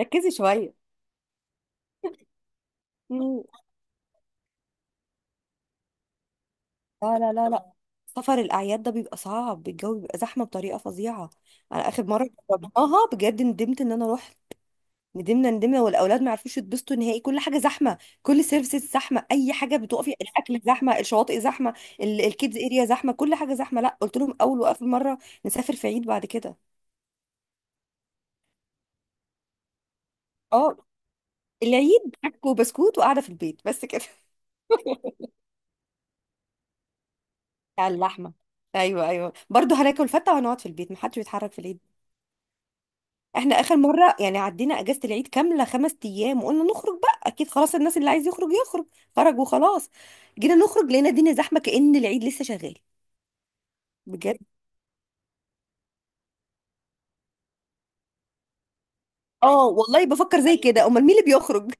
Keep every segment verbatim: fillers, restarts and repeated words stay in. ركزي شويه. مم. لا، لا، لا، لا، طبعا. سفر الاعياد ده بيبقى صعب، الجو بيبقى زحمه بطريقه فظيعه. انا اخر مره جربناها بجد ندمت ان انا رحت. ندمنا ندمنا والاولاد ما عرفوش يتبسطوا نهائي، كل حاجه زحمه، كل سيرفيسز زحمه، اي حاجه بتقفي، الاكل زحمه، الشواطئ زحمه، ال- الكيدز اريا زحمه، كل حاجه زحمه. لا، قلت لهم اول واخر مره نسافر في عيد بعد كده. اه، العيد حك وبسكوت وقاعده في البيت بس كده. على اللحمه. ايوه، ايوه، برضه هناكل فته وهنقعد في البيت، محدش بيتحرك في العيد. احنا اخر مرة يعني عدينا اجازة العيد كاملة خمس ايام وقلنا نخرج بقى، اكيد خلاص الناس اللي عايز يخرج يخرج. خرج وخلاص. جينا نخرج لقينا الدنيا زحمة كأن العيد لسه شغال. بجد. اه والله بفكر زي كده، امال مين اللي بيخرج؟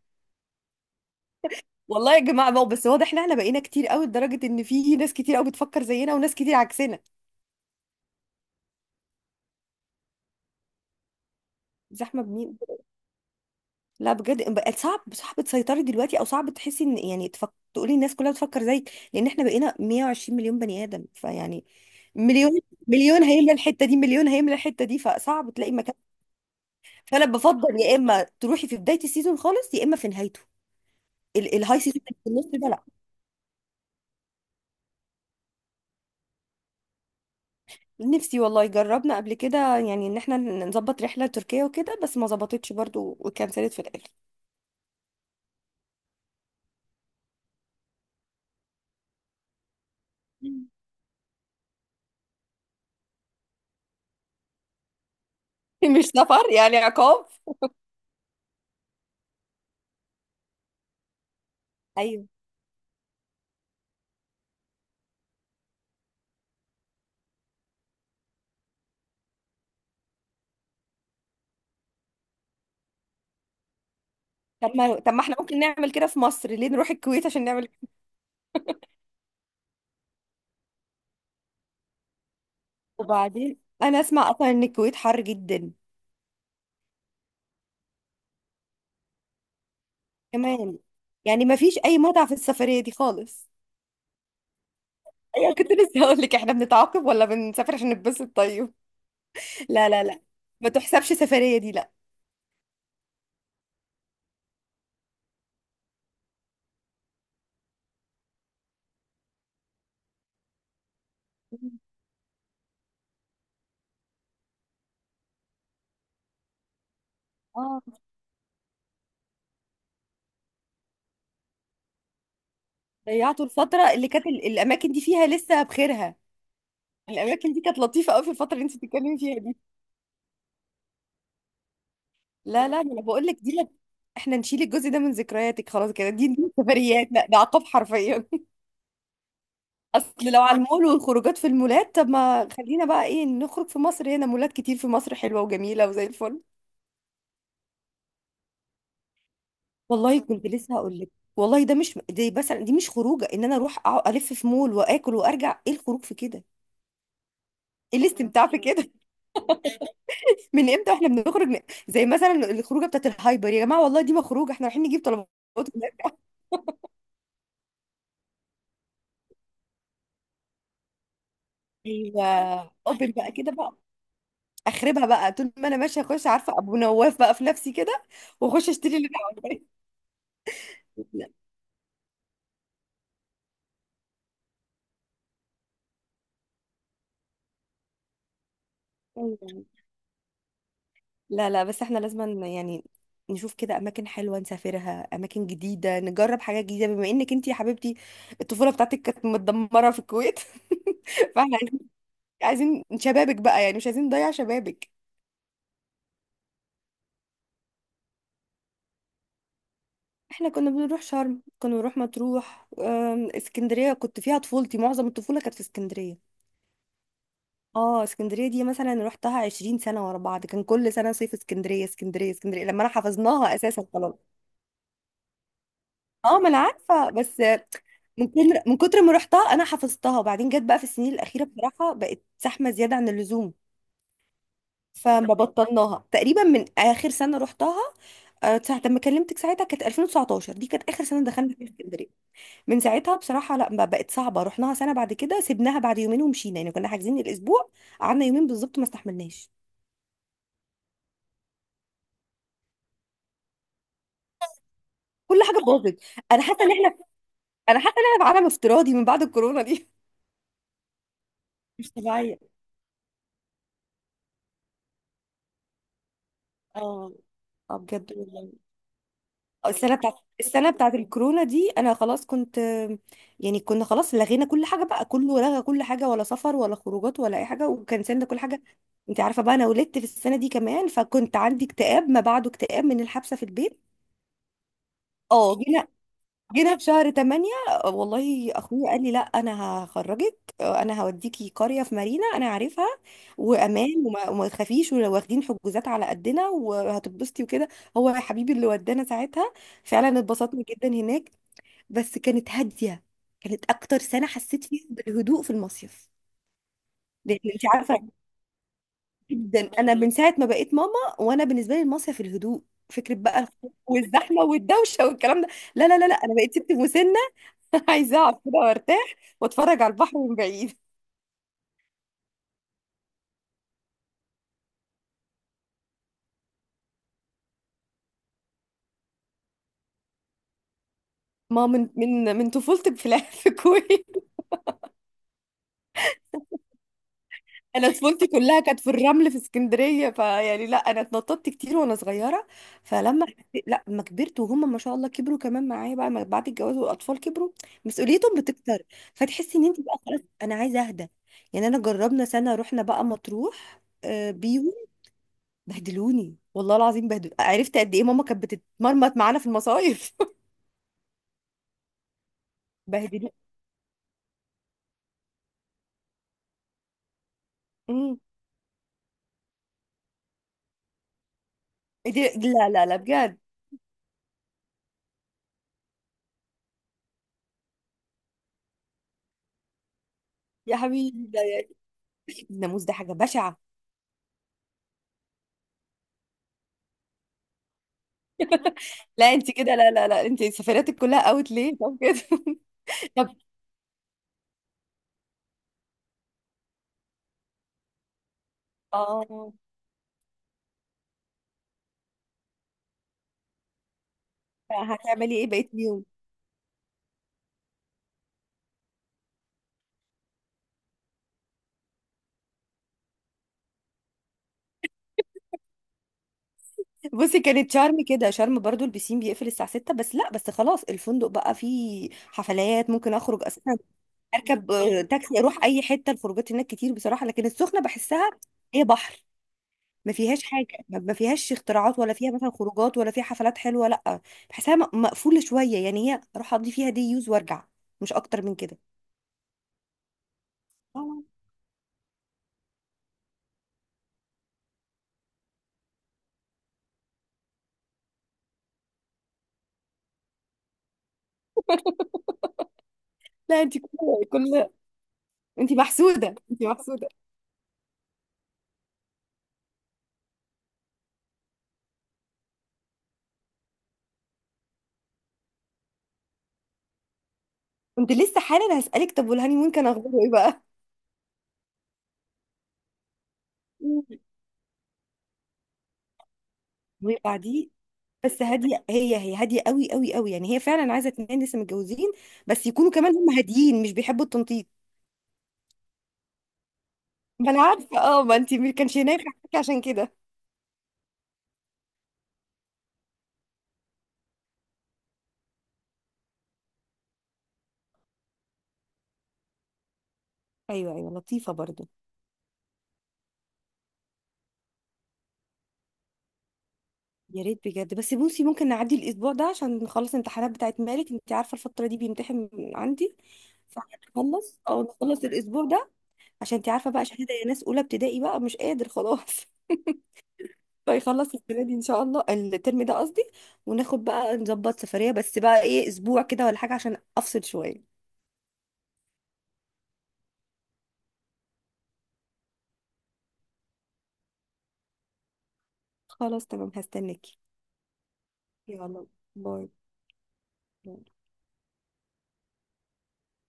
والله يا جماعة بقى، بس واضح ان احنا بقينا كتير قوي لدرجة ان في ناس كتير قوي بتفكر زينا وناس كتير عكسنا. زحمة بمين؟ لا بجد، بقت صعب، صعب تسيطري دلوقتي، او صعب تحسي ان، يعني، تفك... تقولي الناس كلها بتفكر زيك، لان احنا بقينا 120 مليون بني ادم، فيعني. مليون. مليون هيملى الحته دي، مليون هيملى الحته دي، فصعب تلاقي مكان. فانا بفضل يا اما تروحي في بدايه السيزون خالص يا اما في نهايته. ال- الهاي سيزون اللي في النص ده لا. نفسي والله، جربنا قبل كده يعني ان احنا نظبط رحله لتركيا وكده، بس ما ظبطتش برضو وكنسلت في الاخر. مش سفر يعني، عقاب. ايوه. طب ما طب ما احنا ممكن نعمل كده في مصر، ليه نروح الكويت عشان نعمل؟ وبعدين انا اسمع اصلا ان الكويت حر جدا. كمان، يعني ما فيش اي متعه في السفريه دي خالص. ايوه، كنت لسه هقول لك، احنا بنتعاقب ولا بنسافر عشان نتبسط؟ طيب، لا لا لا، ما تحسبش سفرية دي لا. اه. ضيعتوا الفترة اللي كانت ال- الاماكن دي فيها لسه بخيرها. الاماكن دي كانت لطيفة قوي في الفترة اللي انت بتتكلمي فيها دي. لا لا، ما انا بقول لك دي لك. احنا نشيل الجزء ده من ذكرياتك خلاص كده، دي دي سفريات لا، ده عقاب حرفيا. اصل لو على المول والخروجات في المولات، طب ما خلينا بقى ايه نخرج في مصر، هنا مولات كتير في مصر حلوة وجميلة وزي الفل. والله كنت لسه هقول لك. والله ده مش، دي مثلا دي مش خروجه ان انا اروح أقعد الف في مول واكل وارجع، ايه الخروج في كده؟ ايه الاستمتاع في كده؟ من امتى واحنا بنخرج، ن- زي مثلا الخروجه بتاعت الهايبر، يا جماعه، والله دي ما خروجه، احنا رايحين نجيب طلبات ونرجع. ايوه. اوبن بقى كده بقى، اخربها بقى طول ما انا ماشيه، اخش عارفه ابو نواف بقى في نفسي كده، واخش اشتري اللي انا عاوزاه. لا لا، بس احنا لازم يعني نشوف كده اماكن حلوه نسافرها، اماكن جديده نجرب حاجات جديده، بما انك انت يا حبيبتي الطفوله بتاعتك كانت متدمره في الكويت. فاحنا عايزين، عايزين شبابك بقى يعني، مش عايزين نضيع شبابك. احنا كنا بنروح شرم، كنا بنروح مطروح، آم، اسكندريه، كنت فيها طفولتي، معظم الطفوله كانت في اسكندريه. اه، اسكندريه دي مثلا روحتها عشرين سنة سنه ورا بعض، كان كل سنه صيف اسكندريه اسكندريه اسكندريه لما انا حفظناها اساسا خلاص. اه، ما انا عارفه، بس من كتر من كتر ما رحتها انا حفظتها. وبعدين جت بقى في السنين الاخيره بصراحه، بقت زحمه زياده عن اللزوم. فما بطلناها تقريبا، من اخر سنه رحتها آه، ساعه لما كلمتك، ساعتها كانت الفين وتسعة عشر، دي كانت اخر سنه دخلنا فيها اسكندريه. من ساعتها بصراحه، لا، ما بقت صعبه، رحناها سنه بعد كده سيبناها بعد يومين ومشينا، يعني كنا حاجزين الاسبوع، قعدنا يومين بالظبط، ما استحملناش. كل حاجه باظت. انا حاسه ان احنا انا حاسه ان احنا في عالم افتراضي من بعد الكورونا دي. مش طبيعيه. اه، اه بجد. السنه بتاعت السنه بتاعت الكورونا دي، انا خلاص كنت، يعني كنا خلاص لغينا كل حاجه بقى، كله لغى كل حاجه، ولا سفر ولا خروجات ولا اي حاجه، وكنسلنا كل حاجه. انت عارفه بقى انا ولدت في السنه دي كمان، فكنت عندي اكتئاب ما بعده اكتئاب من الحبسه في البيت. اه، جينا جينا في شهر تمانية والله، اخويا قال لي لا، انا هخرجك، انا هوديكي قريه في مارينا انا عارفها وامان، وما, وما تخافيش، واخدين حجوزات على قدنا، وهتتبسطي وكده. هو يا حبيبي اللي ودانا ساعتها، فعلا اتبسطنا جدا هناك، بس كانت هاديه، كانت اكتر سنه حسيت فيها بالهدوء في المصيف. لان انت عارفه جدا، انا من ساعه ما بقيت ماما، وانا بالنسبه لي المصيف الهدوء، فكره بقى الخوف والزحمه والدوشه والكلام ده. لا لا لا لا، انا بقيت ست مسنه. عايزة اقعد كده وارتاح واتفرج على البحر من بعيد. ما من من من طفولتي في الع- في الكويت. انا طفولتي كلها كانت في الرمل في اسكندريه، فيعني لا، انا اتنططت كتير وانا صغيره. فلما حسيت- لا، لما كبرت، وهم ما شاء الله كبروا كمان معايا بقى، ما- بعد الجواز والاطفال كبروا، مسؤوليتهم بتكتر، فتحسي ان انت بقى خلاص انا عايزه اهدى. يعني انا جربنا سنه رحنا بقى مطروح آه، بيهم، بهدلوني والله العظيم، بهدلوني، عرفت قد ايه ماما كانت بتتمرمط معانا في المصايف. بهدلوني. إيه؟ دي لا لا لا بجد. يا حبيبي، ده الناموس ده حاجة بشعة. لا، انت كده، لا لا لا، انت سفرياتك كلها اوت ليه طب كده. طب. اه، هتعملي ايه بقيت اليوم؟ بصي كانت شرم كده، شرم برضو البسين بيقفل الساعة ستة، بس لا، بس خلاص الفندق بقى فيه حفلات ممكن اخرج اساسا، اركب آه، تاكسي اروح اي حتة، الخروجات هناك كتير بصراحة. لكن السخنة بحسها هي بحر، ما فيهاش حاجه، ما ما فيهاش اختراعات، ولا فيها مثلا خروجات، ولا فيها حفلات حلوه، لا، بحسها م- مقفوله شويه يعني، هي اروح اقضي فيها دي يوز وارجع، مش اكتر من كده. آه، لا، انت كل كل، انت محسودة، انت محسودة. كنت لسه حالا هسألك، طب والهاني مون كان اخباره ايه بقى؟ مم. وبعديه بس هاديه، هي هي هاديه قوي قوي قوي يعني، هي فعلا عايزه اتنين لسه متجوزين بس يكونوا كمان هم هاديين مش بيحبوا التنطيط. ما انا عارفة اه، ما انت ما كانش هناك عشان كده. ايوه، ايوه، لطيفه برضو. يا ريت بجد، بس بصي ممكن نعدي الاسبوع ده عشان نخلص الامتحانات بتاعت مالك، انت عارفه الفتره دي بيمتحن عندي. فهنخلص او نخلص الاسبوع ده، عشان انت عارفه بقى، شهاده يا ناس، اولى ابتدائي بقى مش قادر خلاص. فيخلص السنه دي ان شاء الله، الترم ده قصدي، وناخد بقى نظبط سفريه، بس بقى ايه، اسبوع كده ولا حاجه، عشان افصل شويه. خلاص تمام، هستناكي. يلا، باي.